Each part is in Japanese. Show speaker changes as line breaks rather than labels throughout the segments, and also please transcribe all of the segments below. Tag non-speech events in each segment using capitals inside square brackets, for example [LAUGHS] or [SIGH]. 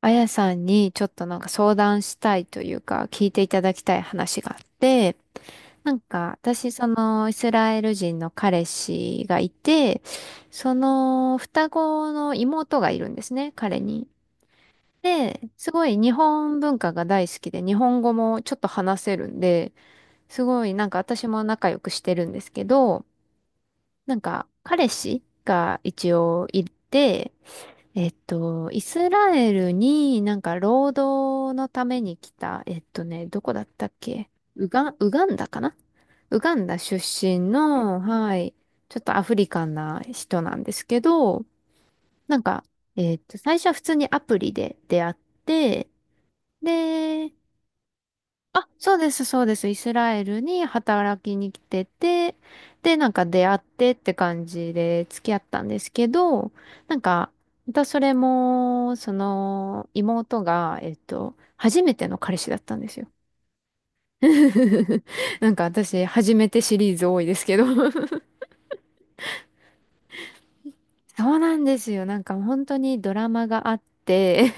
あやさんにちょっとなんか相談したいというか聞いていただきたい話があって、なんか私そのイスラエル人の彼氏がいて、その双子の妹がいるんですね、彼に。で、すごい日本文化が大好きで日本語もちょっと話せるんで、すごいなんか私も仲良くしてるんですけど、なんか彼氏が一応いて、イスラエルになんか労働のために来た、どこだったっけウガンダかな。ウガンダ出身の、はい、ちょっとアフリカンな人なんですけど、なんか、最初は普通にアプリで出会って、で、あ、そうです、そうです。イスラエルに働きに来てて、で、なんか出会ってって感じで付き合ったんですけど、なんか、またそれも、その、妹が、初めての彼氏だったんですよ。[LAUGHS] なんか私、初めてシリーズ多いですけど。 [LAUGHS] そうなんですよ。なんか本当にドラマがあって、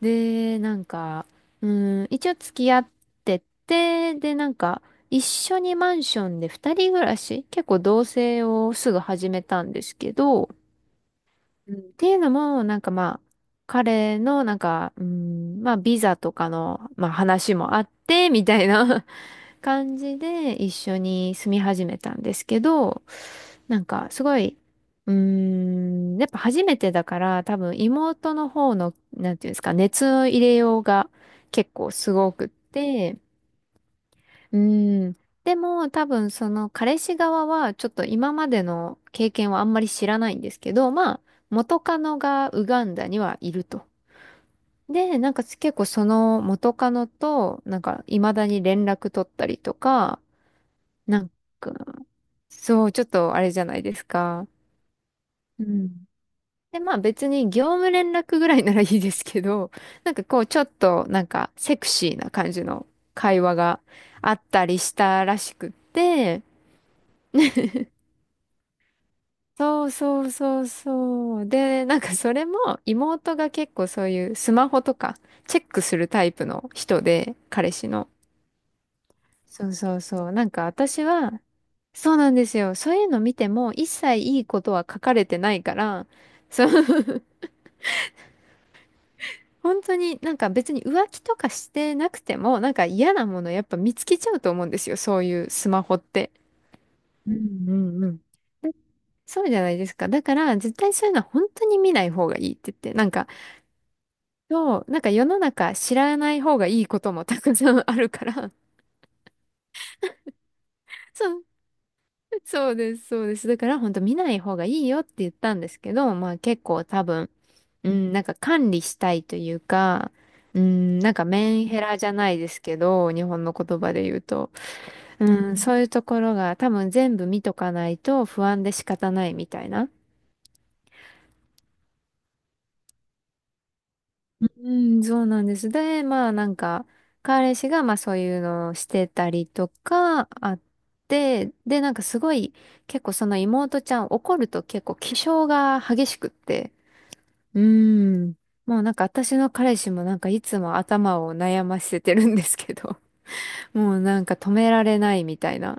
で、なんか、う一応付き合ってて、で、なんか、一緒にマンションで二人暮らし、結構同棲をすぐ始めたんですけど、うんっていうのも、なんかまあ、彼の、なんか、まあ、ビザとかの、まあ、話もあって、みたいな感じで一緒に住み始めたんですけど、なんかすごい、やっぱ初めてだから多分妹の方の、なんていうんですか、熱の入れようが結構すごくって、うーん、でも多分その彼氏側はちょっと今までの経験はあんまり知らないんですけど、まあ元カノがウガンダにはいると。で、なんか結構その元カノと、なんか未だに連絡取ったりとか、なんか、そう、ちょっとあれじゃないですか。うん。で、まあ別に業務連絡ぐらいならいいですけど、[LAUGHS] なんかこうちょっとなんかセクシーな感じの会話があったりしたらしくって、そうそうそうそう。で、なんかそれも妹が結構そういうスマホとかチェックするタイプの人で、彼氏の。そうそうそう。なんか私は、そうなんですよ。そういうの見ても一切いいことは書かれてないから、そう。[LAUGHS] 本当になんか別に浮気とかしてなくても、なんか嫌なものやっぱ見つけちゃうと思うんですよ。そういうスマホって。うんうんうん。そうじゃないですか。だから、絶対そういうのは本当に見ない方がいいって言って、なんか、そう、なんか世の中知らない方がいいこともたくさんあるから、[LAUGHS] そう。 [LAUGHS] そうです、そうです。だから本当見ない方がいいよって言ったんですけど、まあ結構多分、うん、なんか管理したいというか、うん、なんかメンヘラじゃないですけど、日本の言葉で言うと、うそういうところが多分全部見とかないと不安で仕方ないみたいな。うん、そうなんです。で、まあなんか、彼氏がまあそういうのをしてたりとかあって、で、なんかすごい、結構その妹ちゃん怒ると結構気性が激しくって、うーん。もうなんか私の彼氏もなんかいつも頭を悩ませてるんですけど、[LAUGHS] もうなんか止められないみたいな。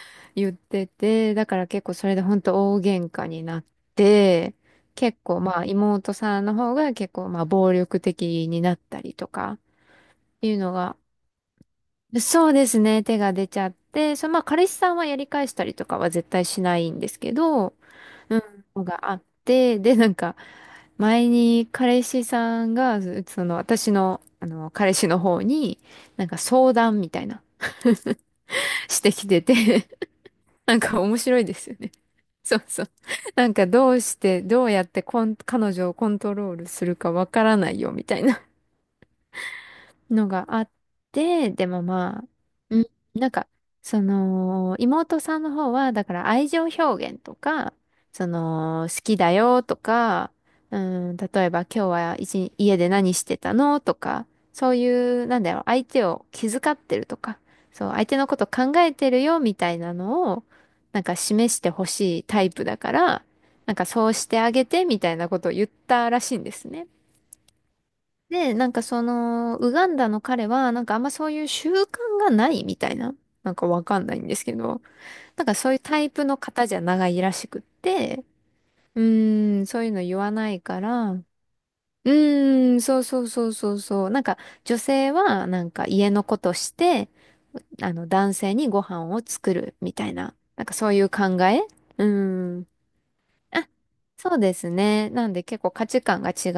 [LAUGHS] 言ってて、だから結構それでほんと大喧嘩になって、結構まあ妹さんの方が結構まあ暴力的になったりとかいうのが、そうですね、手が出ちゃって、そ、まあ彼氏さんはやり返したりとかは絶対しないんですけど、うんのがあって、で、なんか、前に彼氏さんが、その、私の、あの、彼氏の方に、なんか相談みたいな、[LAUGHS] してきてて、なんか面白いですよね。そうそう。なんかどうして、どうやって彼女をコントロールするかわからないよ、みたいな。のがあって、でもまあ、うん。なんか、その、妹さんの方は、だから愛情表現とか、その、好きだよとか、う例えば今日は一日家で何してたのとか、そういう、なんだろう、相手を気遣ってるとか、そう、相手のこと考えてるよみたいなのを、なんか示してほしいタイプだから、なんかそうしてあげてみたいなことを言ったらしいんですね。で、なんかその、ウガンダの彼は、なんかあんまそういう習慣がないみたいな、なんかわかんないんですけど、なんかそういうタイプの方じゃないらしくって、そういうの言わないから、そうそうそうそうそう、なんか女性はなんか家のことして、あの、男性にご飯を作るみたいな、なんかそういう考え、うーん。そうですね。なんで結構価値観が違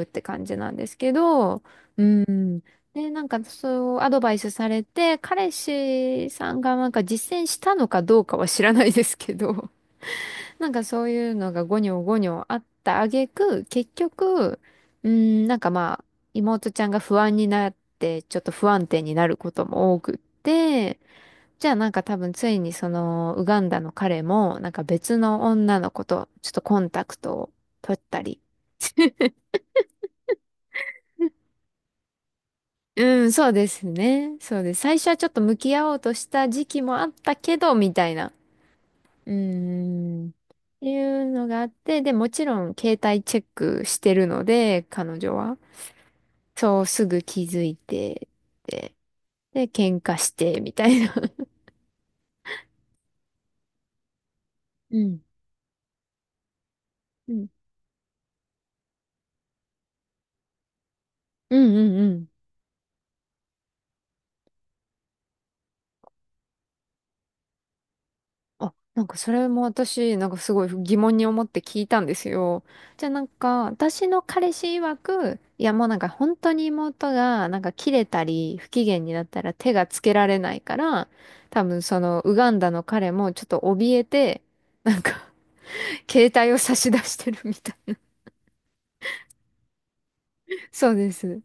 うって感じなんですけど、うん。で、なんかそうアドバイスされて、彼氏さんがなんか実践したのかどうかは知らないですけど、[LAUGHS] なんかそういうのがゴニョゴニョあった挙句、結局、うん、なんかまあ、妹ちゃんが不安になって、ちょっと不安定になることも多くって、じゃあなんか多分ついにそのウガンダの彼もなんか別の女の子とちょっとコンタクトを取ったり。うん、そうですね。そうです。最初はちょっと向き合おうとした時期もあったけど、みたいな。うーん。っていうのがあって、で、もちろん携帯チェックしてるので、彼女は。そう、すぐ気づいて、で、で、喧嘩して、みたいな。[LAUGHS] うん。うん。うんうんうん。あ、なんかそれも私、なんかすごい疑問に思って聞いたんですよ。じゃあなんか、私の彼氏曰く、いやもうなんか本当に妹がなんか切れたり不機嫌になったら手がつけられないから、多分そのウガンダの彼もちょっと怯えて、なんか [LAUGHS] 携帯を差し出してるみたい。そうです。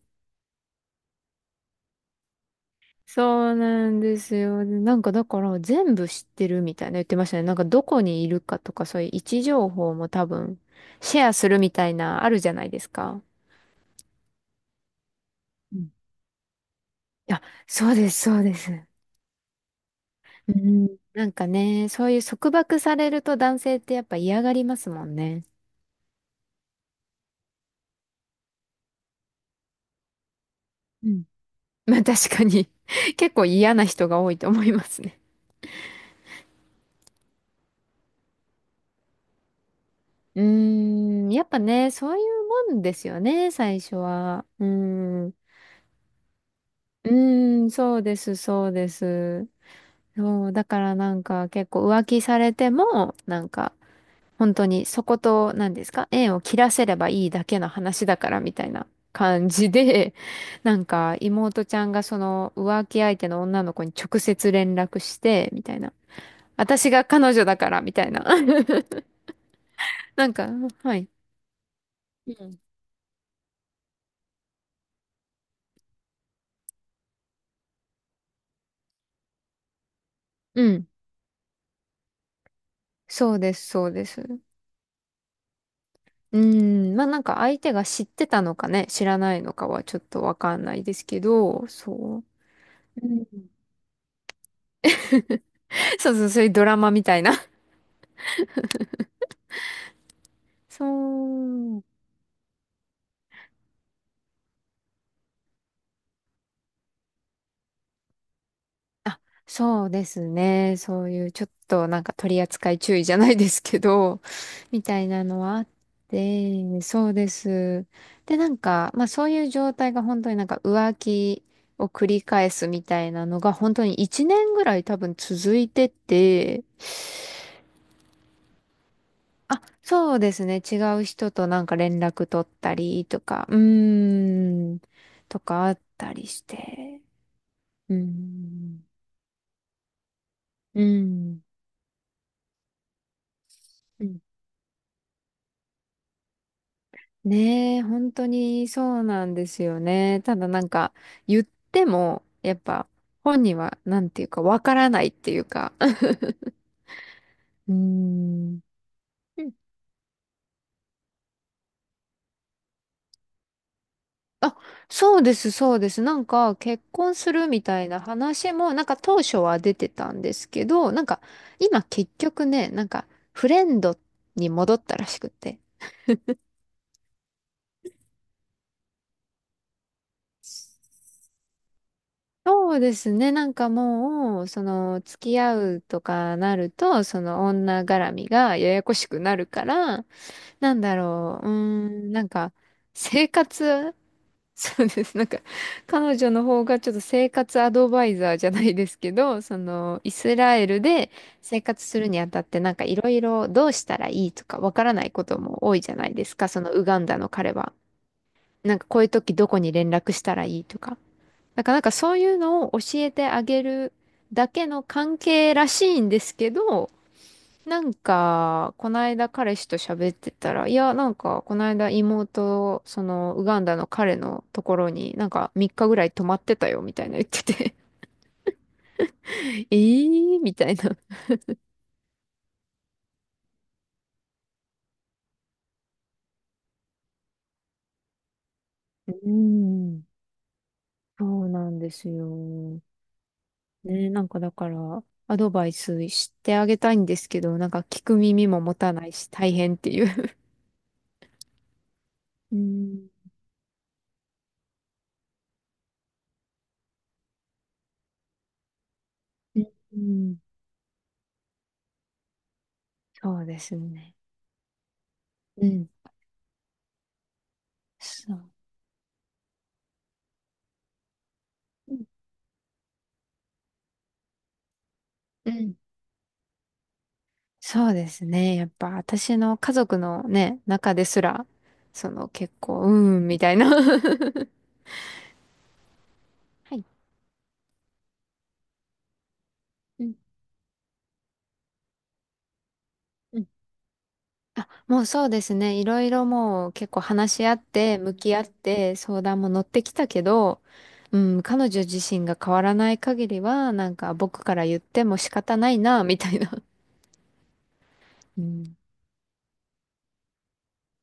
そうなんですよ。でなんかだから全部知ってるみたいな言ってましたね。なんかどこにいるかとかそういう位置情報も多分シェアするみたいなあるじゃないですか。うん。あ、そうです、そうです。うん、なんかね、そういう束縛されると男性ってやっぱ嫌がりますもんね。うん。まあ確かに、 [LAUGHS] 結構嫌な人が多いと思いますね。うーやっぱね、そういうもんですよね、最初は。うーん、うーん、そうです、そうです。そう、だからなんか結構浮気されても、なんか本当にそこと、何ですか、縁を切らせればいいだけの話だからみたいな感じで、[LAUGHS] なんか妹ちゃんがその浮気相手の女の子に直接連絡して、みたいな。私が彼女だから、みたいな。[LAUGHS] なんか、はい。うん。うん。そうです、そうです。うん。まあなんか相手が知ってたのかね、知らないのかはちょっとわかんないですけど、そう。うん。そうそう、そういうドラマみたいな。[LAUGHS] そう。あ、そうですね。そういうちょっとなんか取り扱い注意じゃないですけど、[LAUGHS] みたいなのはあって、そうです。で、なんか、まあそういう状態が本当になんか浮気を繰り返すみたいなのが本当に1年ぐらい多分続いてて、あ、そうですね。違う人となんか連絡取ったりとか、とかあったりして。うん。うん。うん。ねえ、本当にそうなんですよね。ただなんか、言っても、やっぱ、本人は、なんていうか、わからないっていうか。[LAUGHS] うーん。うん。あ、そうです、そうです。なんか、結婚するみたいな話も、なんか当初は出てたんですけど、なんか、今結局ね、なんか、フレンドに戻ったらしくて。そうですね。なんかもう、その、付き合うとかなると、その女絡みがややこしくなるから、なんだろう、なんか、生活、[LAUGHS] そうです。なんか、彼女の方がちょっと生活アドバイザーじゃないですけど、その、イスラエルで生活するにあたって、なんかいろいろどうしたらいいとかわからないことも多いじゃないですか、そのウガンダの彼は。なんかこういう時どこに連絡したらいいとか。だからなんかそういうのを教えてあげるだけの関係らしいんですけど、なんか、こないだ彼氏と喋ってたら、いや、なんか、こないだ妹、その、ウガンダの彼のところに、なんか、3日ぐらい泊まってたよ、みたいな言ってて、 [LAUGHS] えー、みたいな。うーん。そうなんですよ。ね、なんかだから、アドバイスしてあげたいんですけど、なんか聞く耳も持たないし大変っていう。うん。うん。そうですね。うん。そう。うん。うん。そうですね。やっぱ私の家族のね、中ですら、その結構、うーん、みたいな。 [LAUGHS] はい。[LAUGHS] うんうん。あ、もうそうですね。いろいろもう結構話し合って、向き合って、相談も乗ってきたけど、うん、彼女自身が変わらない限りは、なんか僕から言っても仕方ないな、みたいな。うん。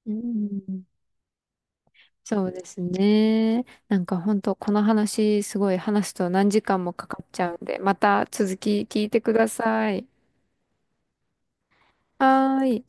うん。そうですね。なんか本当この話すごい話すと何時間もかかっちゃうんで、また続き聞いてください。はーい。